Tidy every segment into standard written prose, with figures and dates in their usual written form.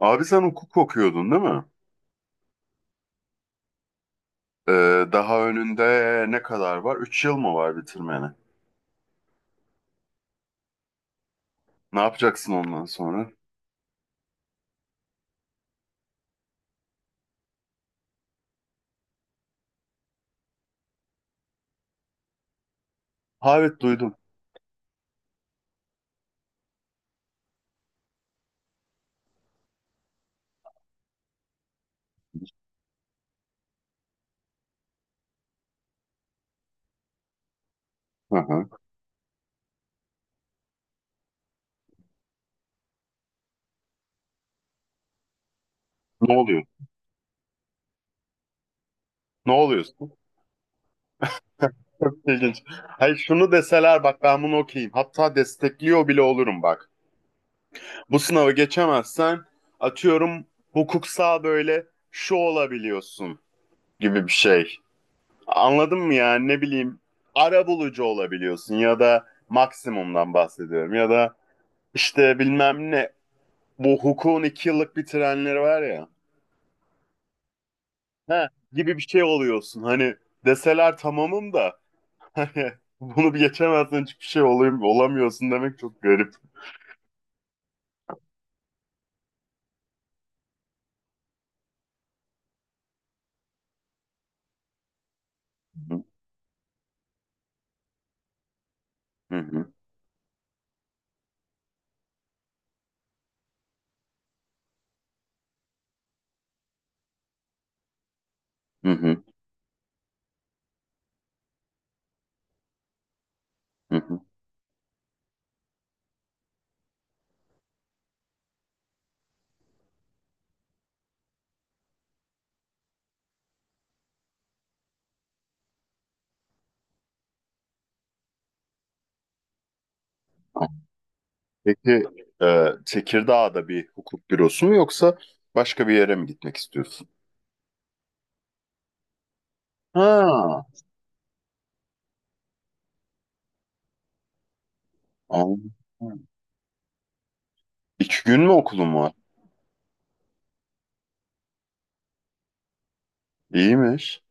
Abi sen hukuk okuyordun değil mi? Daha önünde ne kadar var? 3 yıl mı var bitirmeni? Ne yapacaksın ondan sonra? Ha, evet, duydum. Hı hı. Ne oluyor? Ne oluyorsun? Çok İlginç. Hayır, şunu deseler, bak, ben bunu okuyayım. Hatta destekliyor bile olurum, bak. Bu sınavı geçemezsen, atıyorum, hukuksal böyle şu olabiliyorsun gibi bir şey. Anladın mı yani? Ne bileyim, arabulucu olabiliyorsun ya da maksimumdan bahsediyorum ya da işte bilmem ne, bu hukukun iki yıllık bir trenleri var ya. He, gibi bir şey oluyorsun. Hani deseler tamamım da, hani bunu bir geçemezsen hiçbir şey olayım, olamıyorsun demek çok garip. Hı hı, hı hı, hı hı. Peki, Tekirdağ'da bir hukuk bürosu mu yoksa başka bir yere mi gitmek istiyorsun? Ha, anladım. İki gün mü okulun var? İyiymiş.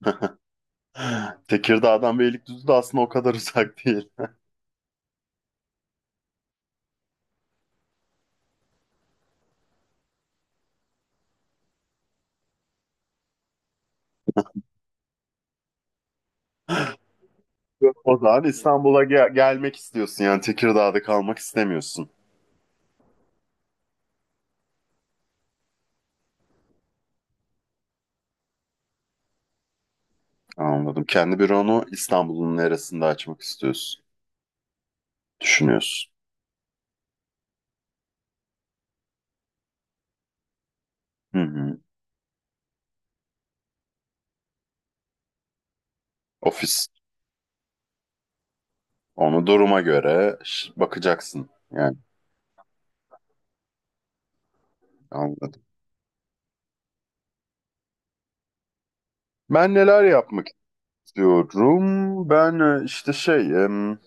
Tekirdağ'dan Beylikdüzü de aslında o kadar uzak değil. O zaman İstanbul'a gelmek istiyorsun yani? Tekirdağ'da kalmak istemiyorsun. Anladım. Kendi büronu İstanbul'un neresinde açmak istiyorsun? Düşünüyorsun. Hı hı. Ofis. Onu duruma göre bakacaksın yani. Anladım. Ben neler yapmak istiyorum? Ben işte şey,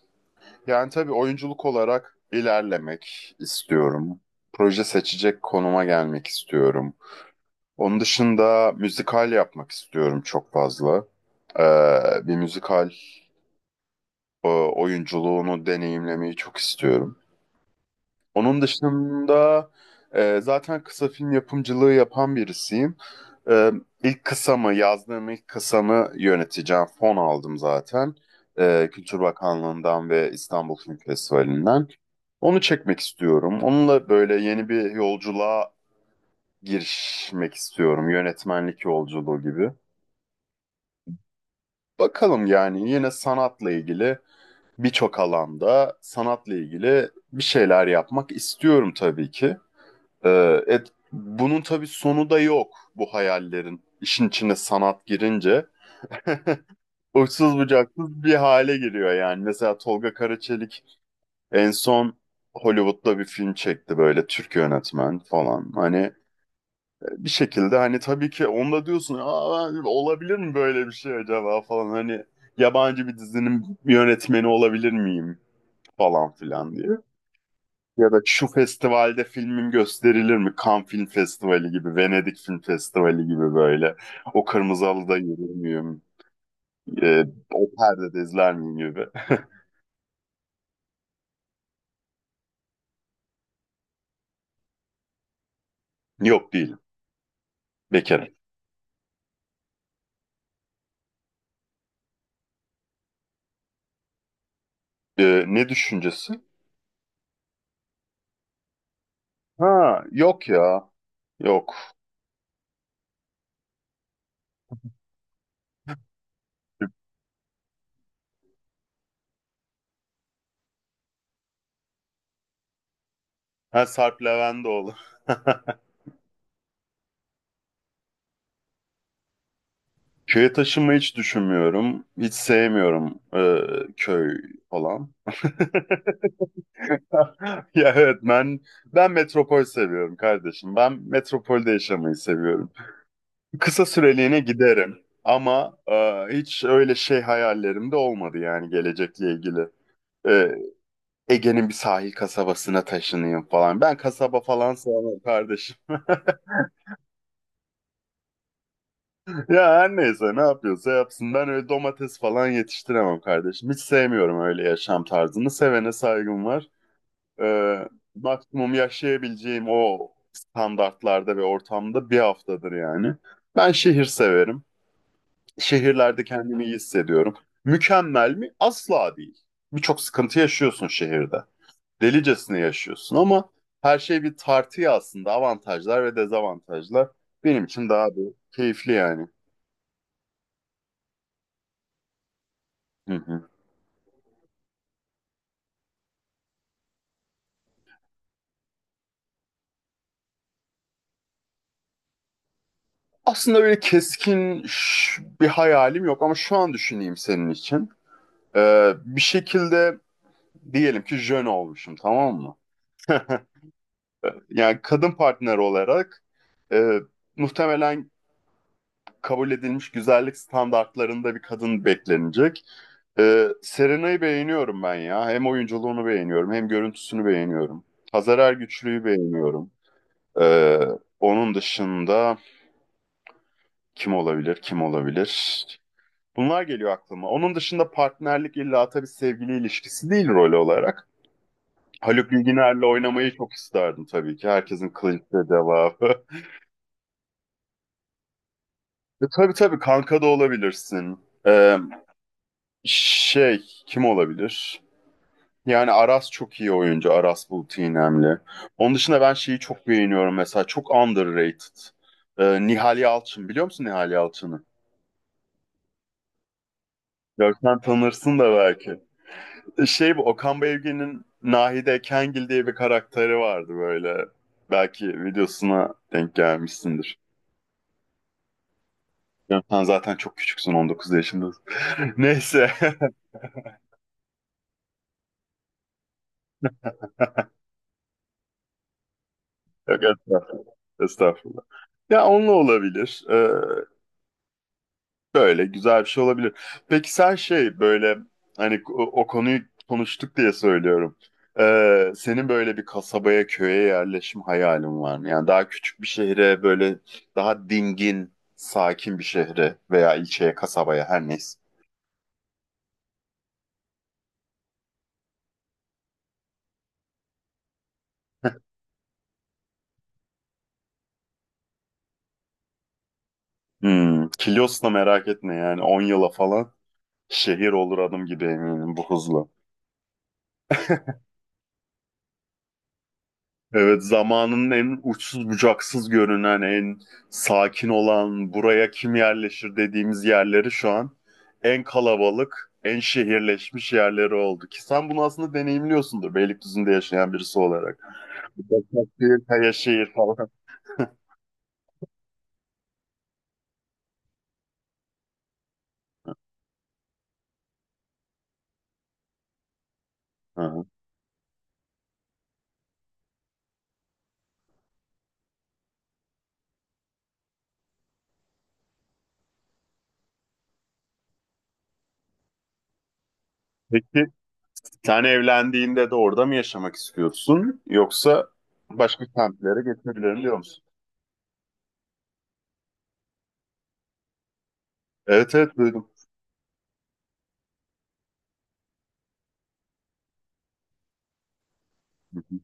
yani tabii oyunculuk olarak ilerlemek istiyorum. Proje seçecek konuma gelmek istiyorum. Onun dışında müzikal yapmak istiyorum çok fazla. Bir müzikal oyunculuğunu deneyimlemeyi çok istiyorum. Onun dışında zaten kısa film yapımcılığı yapan birisiyim. Ee, Yazdığım ilk kısamı yöneteceğim. Fon aldım zaten. Kültür Bakanlığı'ndan ve İstanbul Film Festivali'nden. Onu çekmek istiyorum. Onunla böyle yeni bir yolculuğa girişmek istiyorum. Yönetmenlik yolculuğu gibi. Bakalım, yani yine sanatla ilgili, birçok alanda sanatla ilgili bir şeyler yapmak istiyorum tabii ki. Bunun tabii sonu da yok, bu hayallerin. İşin içine sanat girince uçsuz bucaksız bir hale giriyor yani. Mesela Tolga Karaçelik en son Hollywood'da bir film çekti, böyle Türk yönetmen falan. Hani bir şekilde, hani tabii ki onda diyorsun, aa, olabilir mi böyle bir şey acaba falan, hani yabancı bir dizinin yönetmeni olabilir miyim falan filan diye. Ya da şu festivalde filmim gösterilir mi? Cannes Film Festivali gibi, Venedik Film Festivali gibi, böyle. O kırmızı halıda yürür müyüm? Ee, O perdede izler miyim gibi. Yok, değilim. Bekarım. Ne düşüncesi? Ha, yok ya. Yok. Ha, Sarp Leventoğlu. Köye taşınmayı hiç düşünmüyorum. Hiç sevmiyorum köy falan. Ya evet, ben metropol seviyorum kardeşim. Ben metropolde yaşamayı seviyorum. Kısa süreliğine giderim ama hiç öyle şey hayallerim de olmadı yani, gelecekle ilgili. E, Ege'nin bir sahil kasabasına taşınayım falan. Ben kasaba falan sevmem kardeşim. Ya her neyse, ne yapıyorsa yapsın. Ben öyle domates falan yetiştiremem kardeşim. Hiç sevmiyorum öyle yaşam tarzını. Sevene saygım var. Ee, Maksimum yaşayabileceğim o standartlarda ve ortamda bir haftadır yani. Ben şehir severim. Şehirlerde kendimi iyi hissediyorum. Mükemmel mi? Asla değil. Birçok sıkıntı yaşıyorsun şehirde. Delicesine yaşıyorsun ama her şey bir tartıya aslında. Avantajlar ve dezavantajlar. Benim için daha bir keyifli yani. Hı hı. Aslında böyle keskin bir hayalim yok ama şu an düşüneyim senin için. Bir şekilde diyelim ki jön olmuşum, tamam mı? Yani kadın partner olarak e, muhtemelen kabul edilmiş güzellik standartlarında bir kadın beklenecek. Serena'yı beğeniyorum ben ya. Hem oyunculuğunu beğeniyorum, hem görüntüsünü beğeniyorum. Hazar Ergüçlü'yü beğeniyorum. E, Onun dışında kim olabilir, kim olabilir? Bunlar geliyor aklıma. Onun dışında partnerlik illa tabii sevgili ilişkisi değil, rol olarak. Haluk Bilginer'le oynamayı çok isterdim tabii ki. Herkesin clinch'te devamı. Tabii tabii, kanka da olabilirsin. Ee, Şey, kim olabilir? Yani Aras çok iyi oyuncu. Aras Bulut İynemli. Onun dışında ben şeyi çok beğeniyorum mesela. Çok underrated. Nihal Yalçın. Biliyor musun Nihal Yalçın'ı? Görsen tanırsın da belki. Şey, bu Okan Bayülgen'in Nahide Kengil diye bir karakteri vardı böyle. Belki videosuna denk gelmişsindir. Ya sen zaten çok küçüksün, 19 yaşındasın. Neyse. Yok estağfurullah. Estağfurullah. Ya, onunla olabilir. Şöyle güzel bir şey olabilir. Peki sen şey, böyle, hani o konuyu konuştuk diye söylüyorum. Senin böyle bir kasabaya, köye yerleşim hayalin var mı? Yani daha küçük bir şehre, böyle daha dingin, sakin bir şehre veya ilçeye, kasabaya, her neyse. Hmm, Kilyos'la merak etme, yani 10 yıla falan şehir olur adım gibi eminim, bu hızla. Evet, zamanın en uçsuz bucaksız görünen, en sakin olan, buraya kim yerleşir dediğimiz yerleri şu an en kalabalık, en şehirleşmiş yerleri oldu. Ki sen bunu aslında deneyimliyorsundur Beylikdüzü'nde yaşayan birisi olarak. Başakşehir, Kayaşehir falan. Hı hı. Peki sen evlendiğinde de orada mı yaşamak istiyorsun, yoksa başka semtlere geçebilirim diyor musun? Evet, evet, duydum. Hı hı.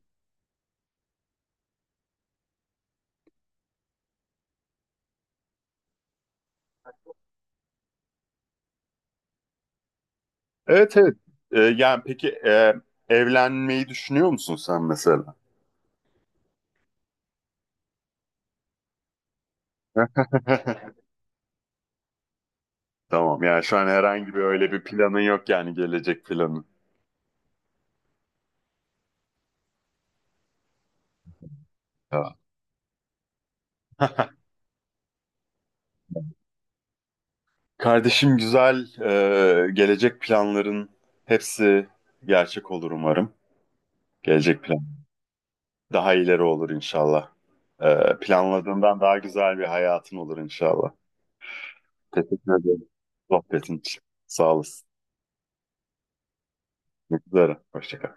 Evet, evet. Yani peki, evlenmeyi düşünüyor musun sen mesela? Tamam, yani şu an herhangi bir öyle bir planın yok yani, gelecek planın. Tamam. Kardeşim, güzel, gelecek planların hepsi gerçek olur umarım. Gelecek plan daha ileri olur inşallah. Planladığından daha güzel bir hayatın olur inşallah. Teşekkür ederim sohbetin için. Sağ olasın. Görüşmek üzere. Hoşça kal.